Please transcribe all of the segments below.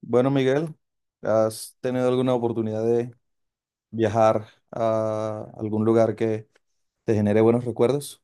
Bueno, Miguel, ¿has tenido alguna oportunidad de viajar a algún lugar que te genere buenos recuerdos?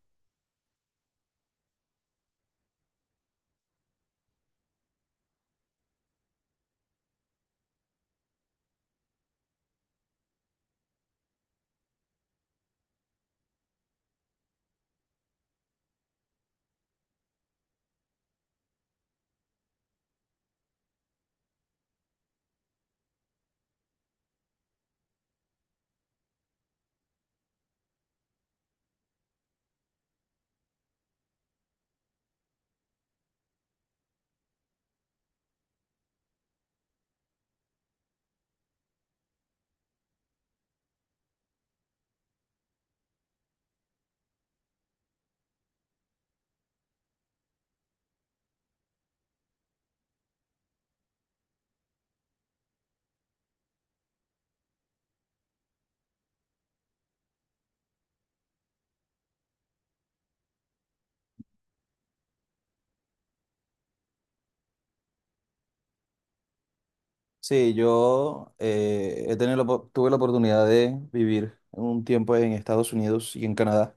Sí, yo he tenido la tuve la oportunidad de vivir un tiempo en Estados Unidos y en Canadá.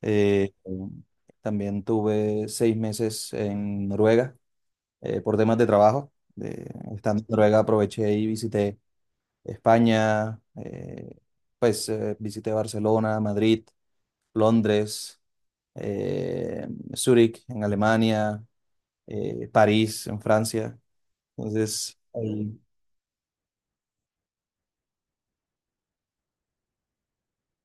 Eh, también tuve 6 meses en Noruega, por temas de trabajo. Estando en Noruega aproveché y visité España, visité Barcelona, Madrid, Londres, eh, Zúrich en Alemania, París en Francia. Entonces, ahí-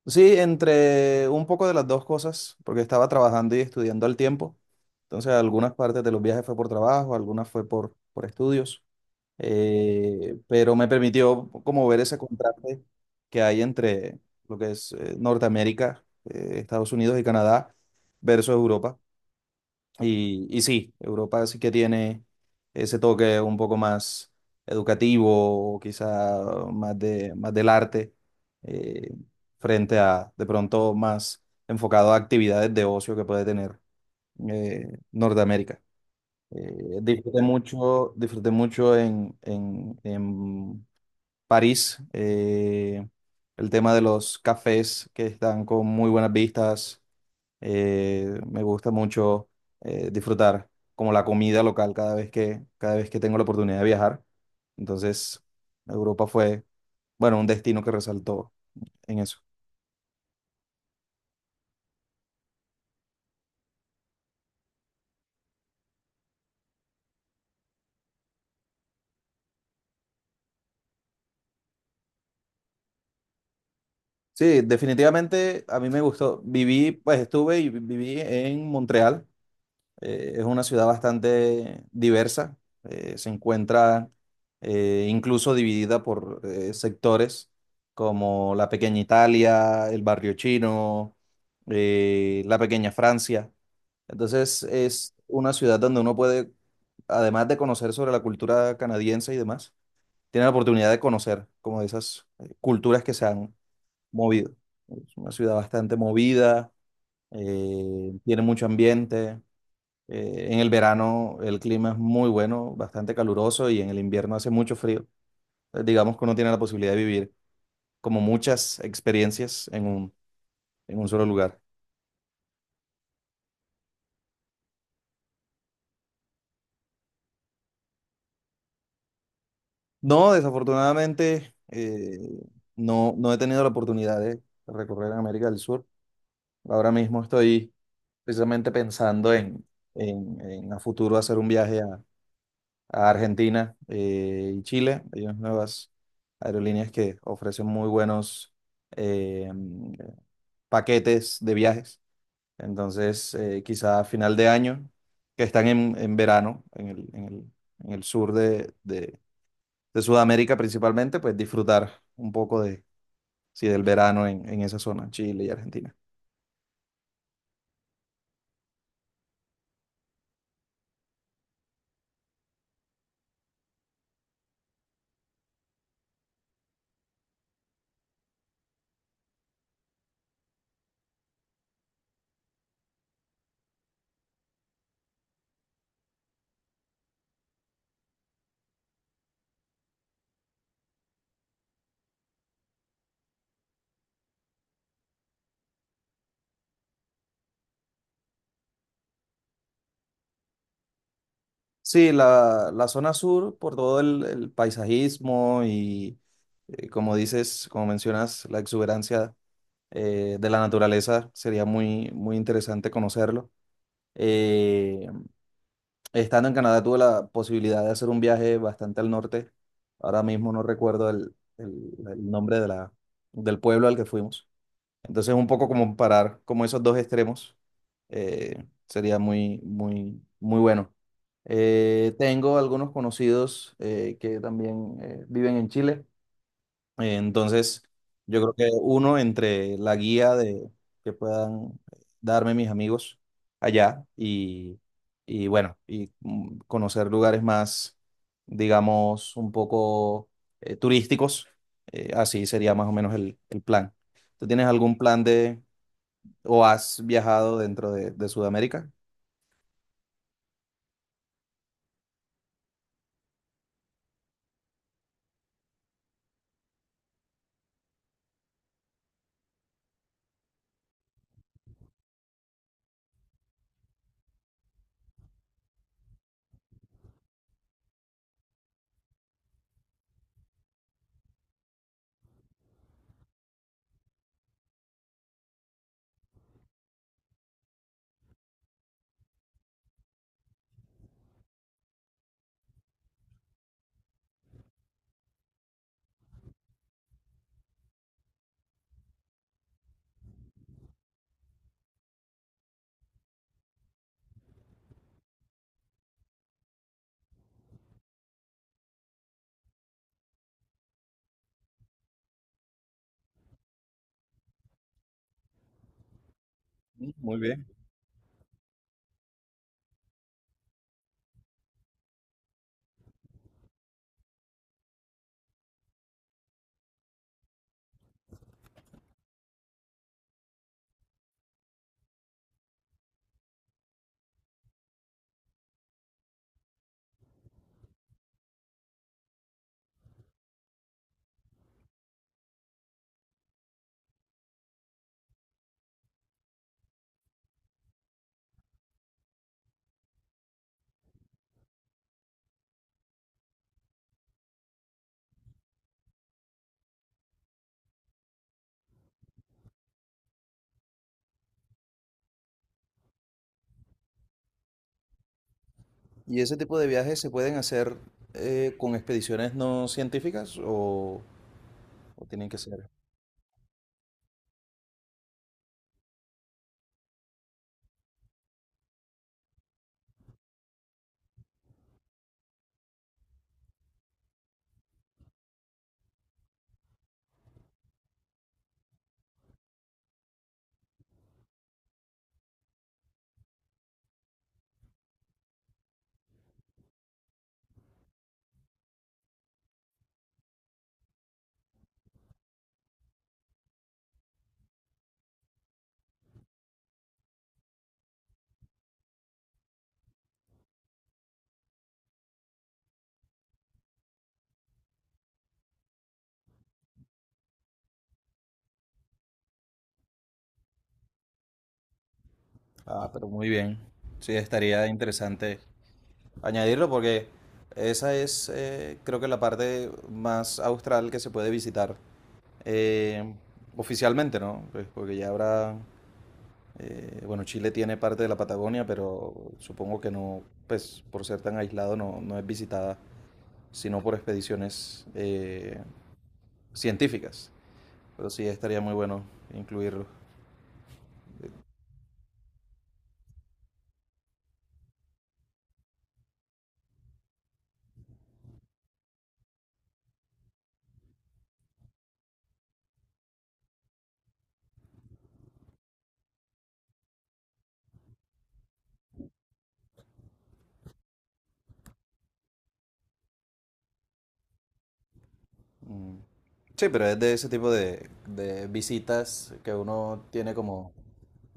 sí, entre un poco de las dos cosas, porque estaba trabajando y estudiando al tiempo. Entonces, algunas partes de los viajes fue por trabajo, algunas fue por estudios, pero me permitió como ver ese contraste que hay entre lo que es Norteamérica, Estados Unidos y Canadá versus Europa. Y sí, Europa sí que tiene ese toque un poco más educativo, o quizá más del arte, eh, frente a de pronto más enfocado a actividades de ocio que puede tener eh, Norteamérica. Disfruté mucho en París, el tema de los cafés que están con muy buenas vistas, me gusta mucho disfrutar como la comida local cada vez que tengo la oportunidad de viajar. Entonces, Europa fue, bueno, un destino que resaltó en eso. Sí, definitivamente a mí me gustó. Viví, pues estuve y viví en Montreal. Es una ciudad bastante diversa, se encuentra incluso dividida por sectores como la pequeña Italia, el barrio chino, la pequeña Francia. Entonces es una ciudad donde uno puede, además de conocer sobre la cultura canadiense y demás, tiene la oportunidad de conocer como de esas culturas que se han movido. Es una ciudad bastante movida, tiene mucho ambiente. En el verano el clima es muy bueno, bastante caluroso y en el invierno hace mucho frío. Digamos que uno tiene la posibilidad de vivir como muchas experiencias en un solo lugar. No, desafortunadamente no he tenido la oportunidad de recorrer en América del Sur. Ahora mismo estoy precisamente pensando en a futuro hacer un viaje a Argentina y Chile. Hay unas nuevas aerolíneas que ofrecen muy buenos... eh, paquetes de viajes. Entonces, quizá a final de año, que están en verano, en el sur de Sudamérica principalmente, pues disfrutar un poco de, sí, del verano en esa zona, Chile y Argentina. Sí, la zona sur, por todo el paisajismo y, como dices, como mencionas, la exuberancia de la naturaleza, sería muy, muy interesante conocerlo. Eh, Estando en Canadá tuve la posibilidad de hacer un viaje bastante al norte. Ahora mismo no recuerdo el nombre de la, del pueblo al que fuimos. Entonces un poco como parar como esos dos extremos sería muy, muy, muy bueno. Tengo algunos conocidos que también viven en Chile. Entonces, yo creo que uno entre la guía de que puedan darme mis amigos allá y bueno, y mm, conocer lugares más, digamos, un poco turísticos, así sería más o menos el plan. ¿Tú tienes algún plan de o has viajado dentro de Sudamérica? Mm, muy bien. ¿Y ese tipo de viajes se pueden hacer con expediciones no científicas o tienen que ser? Ah, pero muy bien. Sí, estaría interesante añadirlo porque esa es, creo que la parte más austral que se puede visitar eh, oficialmente, ¿no? Pues porque ya habrá, bueno, Chile tiene parte de la Patagonia, pero supongo que no, pues por ser tan aislado no, no es visitada, sino por expediciones científicas. Pero sí, estaría muy bueno incluirlo. Mm. Sí, pero es de ese tipo de visitas que uno tiene como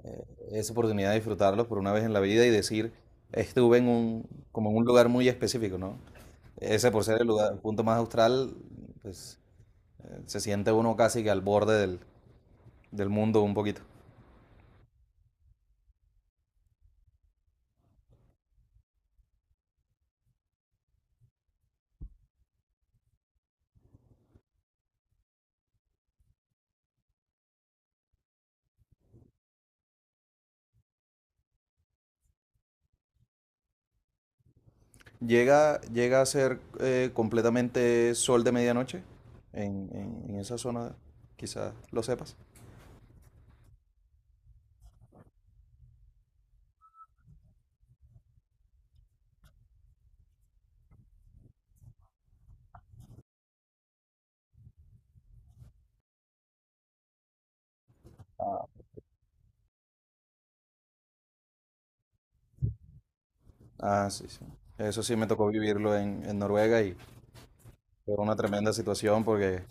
eh, esa oportunidad de disfrutarlos por una vez en la vida y decir, estuve en un, como en un lugar muy específico, ¿no? Ese por ser el lugar, el punto más austral, pues se siente uno casi que al borde del, del mundo un poquito. Llega, llega a ser completamente sol de medianoche en, en esa zona, quizás lo sepas. Ah, sí, sí. Eso sí me tocó vivirlo en Noruega y fue una tremenda situación porque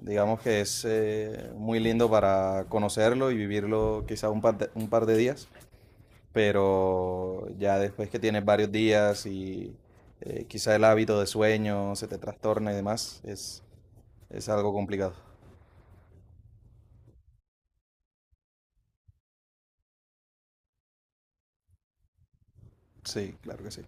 digamos que es muy lindo para conocerlo y vivirlo quizá un par de días, pero ya después que tienes varios días y quizá el hábito de sueño se te trastorna y demás, es algo complicado. Sí, claro que sí.